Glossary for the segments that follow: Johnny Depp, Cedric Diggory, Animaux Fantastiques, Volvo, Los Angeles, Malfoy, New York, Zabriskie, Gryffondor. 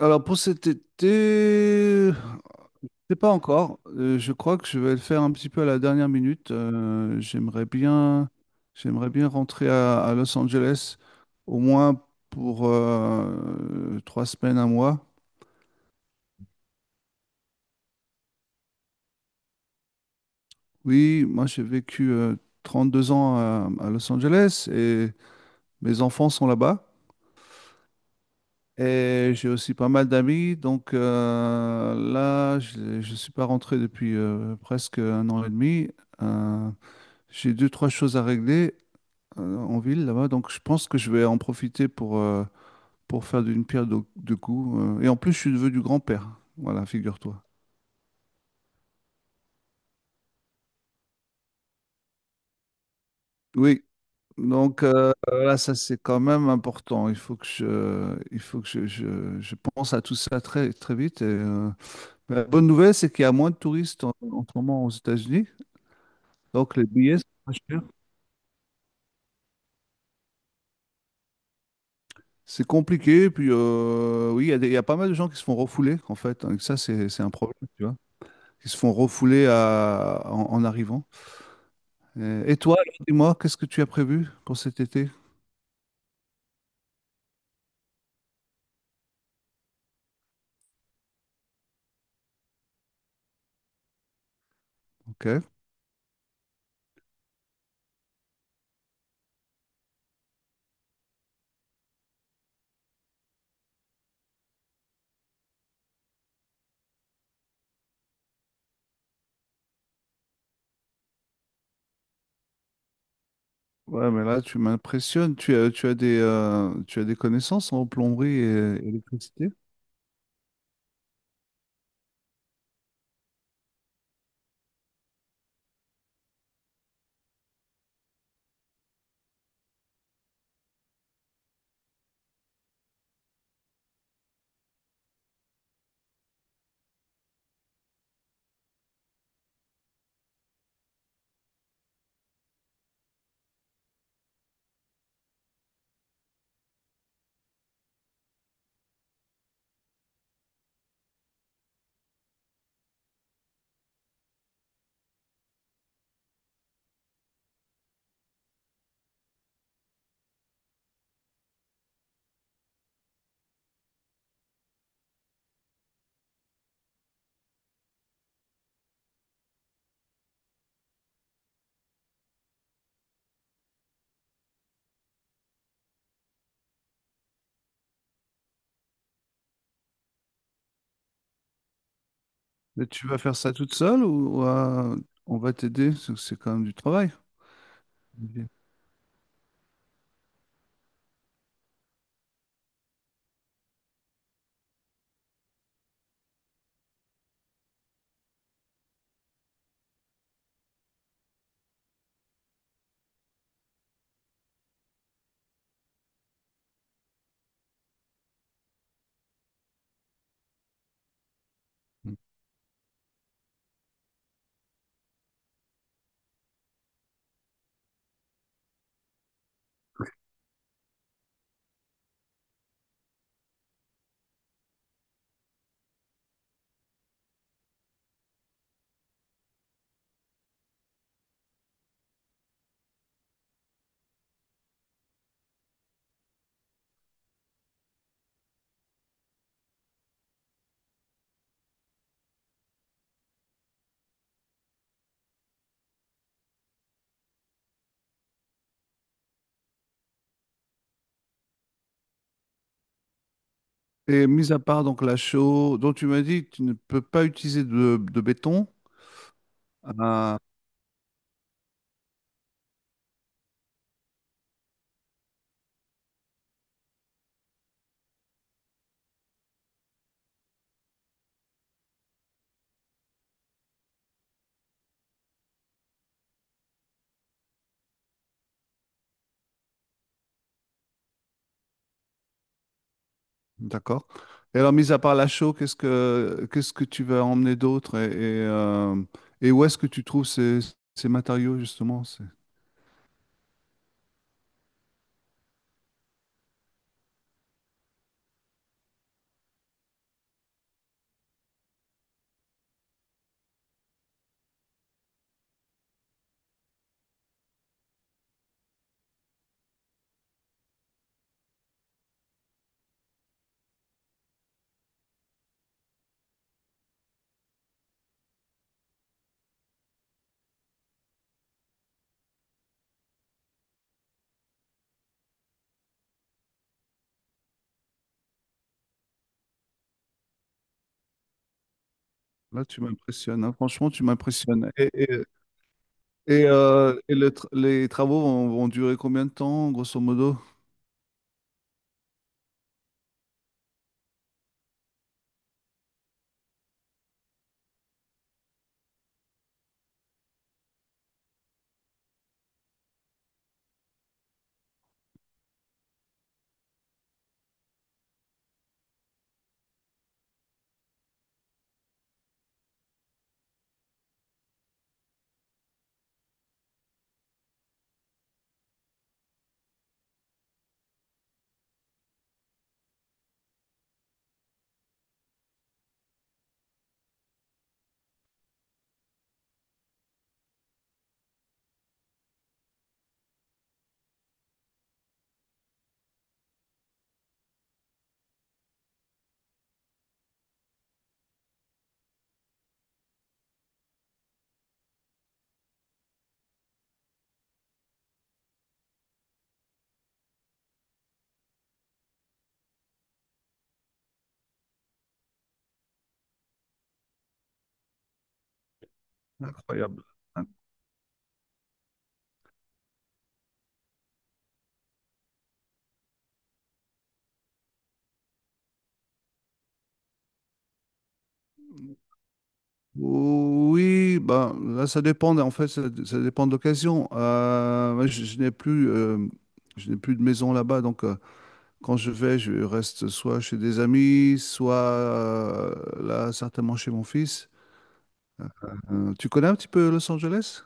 Alors pour cet été, c'est pas encore. Je crois que je vais le faire un petit peu à la dernière minute. J'aimerais bien, j'aimerais bien rentrer à Los Angeles au moins pour trois semaines, un mois. Oui, moi j'ai vécu 32 ans à Los Angeles et mes enfants sont là-bas. Et j'ai aussi pas mal d'amis, donc là, je ne suis pas rentré depuis presque un an et demi. Euh, J'ai deux, trois choses à régler en ville là-bas, donc je pense que je vais en profiter pour faire d'une pierre deux coups. Et en plus, je suis neveu du grand-père. Voilà, figure-toi. Oui, donc là, ça c'est quand même important. Il faut que je, il faut que je- Je pense à tout ça très, très vite. La bonne nouvelle, c'est qu'il y a moins de touristes en ce moment aux États-Unis, donc les billets sont moins chers. C'est compliqué, puis oui, il y a pas mal de gens qui se font refouler en fait, hein, ça c'est un problème, tu vois. Qui se font refouler en arrivant. Et toi, alors, dis-moi, qu'est-ce que tu as prévu pour cet été? Ok. Ouais, mais là, tu m'impressionnes. Tu as des connaissances en plomberie et électricité. Mais tu vas faire ça toute seule ou on va t'aider? C'est quand même du travail. Ok. Et mis à part donc la chaux, dont tu m'as dit que tu ne peux pas utiliser de béton, euh, d'accord. Et alors, mis à part la chaux, qu'est-ce que tu vas emmener d'autre et où est-ce que tu trouves ces matériaux justement? C'est- Là, tu m'impressionnes, hein. Franchement, tu m'impressionnes. Et les travaux vont, vont durer combien de temps, grosso modo? Incroyable. Oui, ben là, ça dépend. En fait, ça dépend de l'occasion. Moi, je n'ai plus de maison là-bas, donc. Quand je vais, je reste soit chez des amis, soit là, certainement chez mon fils. Tu connais un petit peu Los Angeles?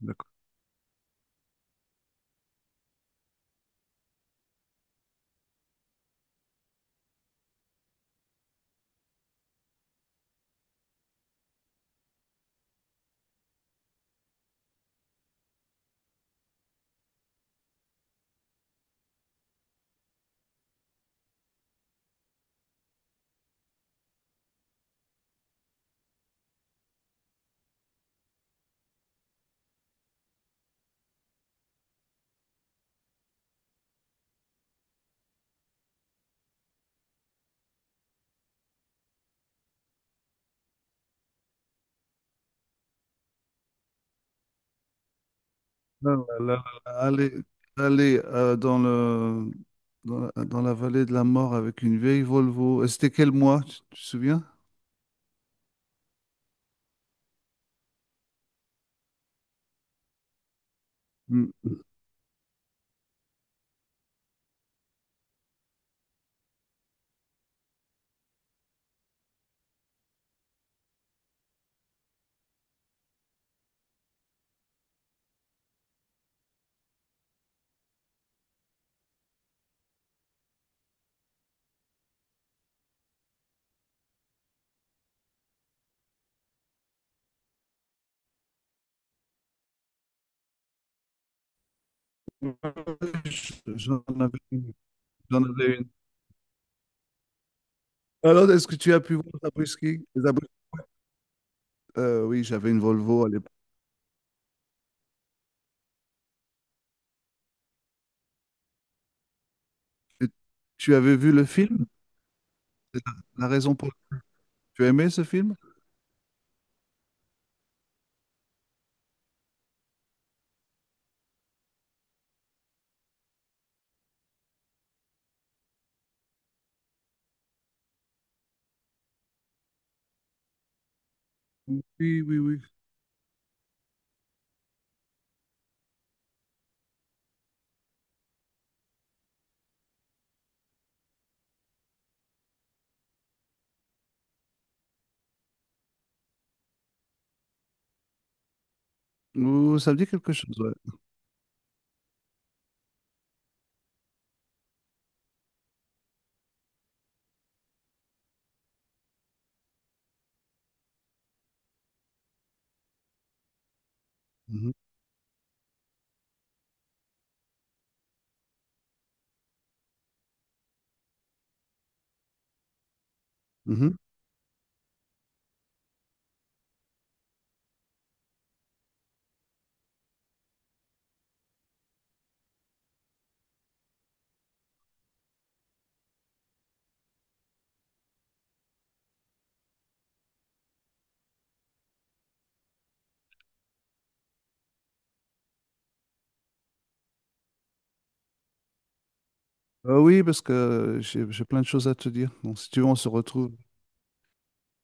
D'accord. Aller, aller dans le, dans la vallée de la mort avec une vieille Volvo. Et c'était quel mois, tu te souviens? Hmm. J'en avais une. J'en avais une. Alors, est-ce que tu as pu voir Zabriskie? Les Zabris- oui, j'avais une Volvo à l'époque. Et tu avais vu le film? C'est la, la raison pour. Tu as aimé ce film? Oui, oui, oui. Oh, ça me dit quelque chose, ouais. Mhm, mhm. Oui, parce que j'ai plein de choses à te dire. Donc, si tu veux, on se retrouve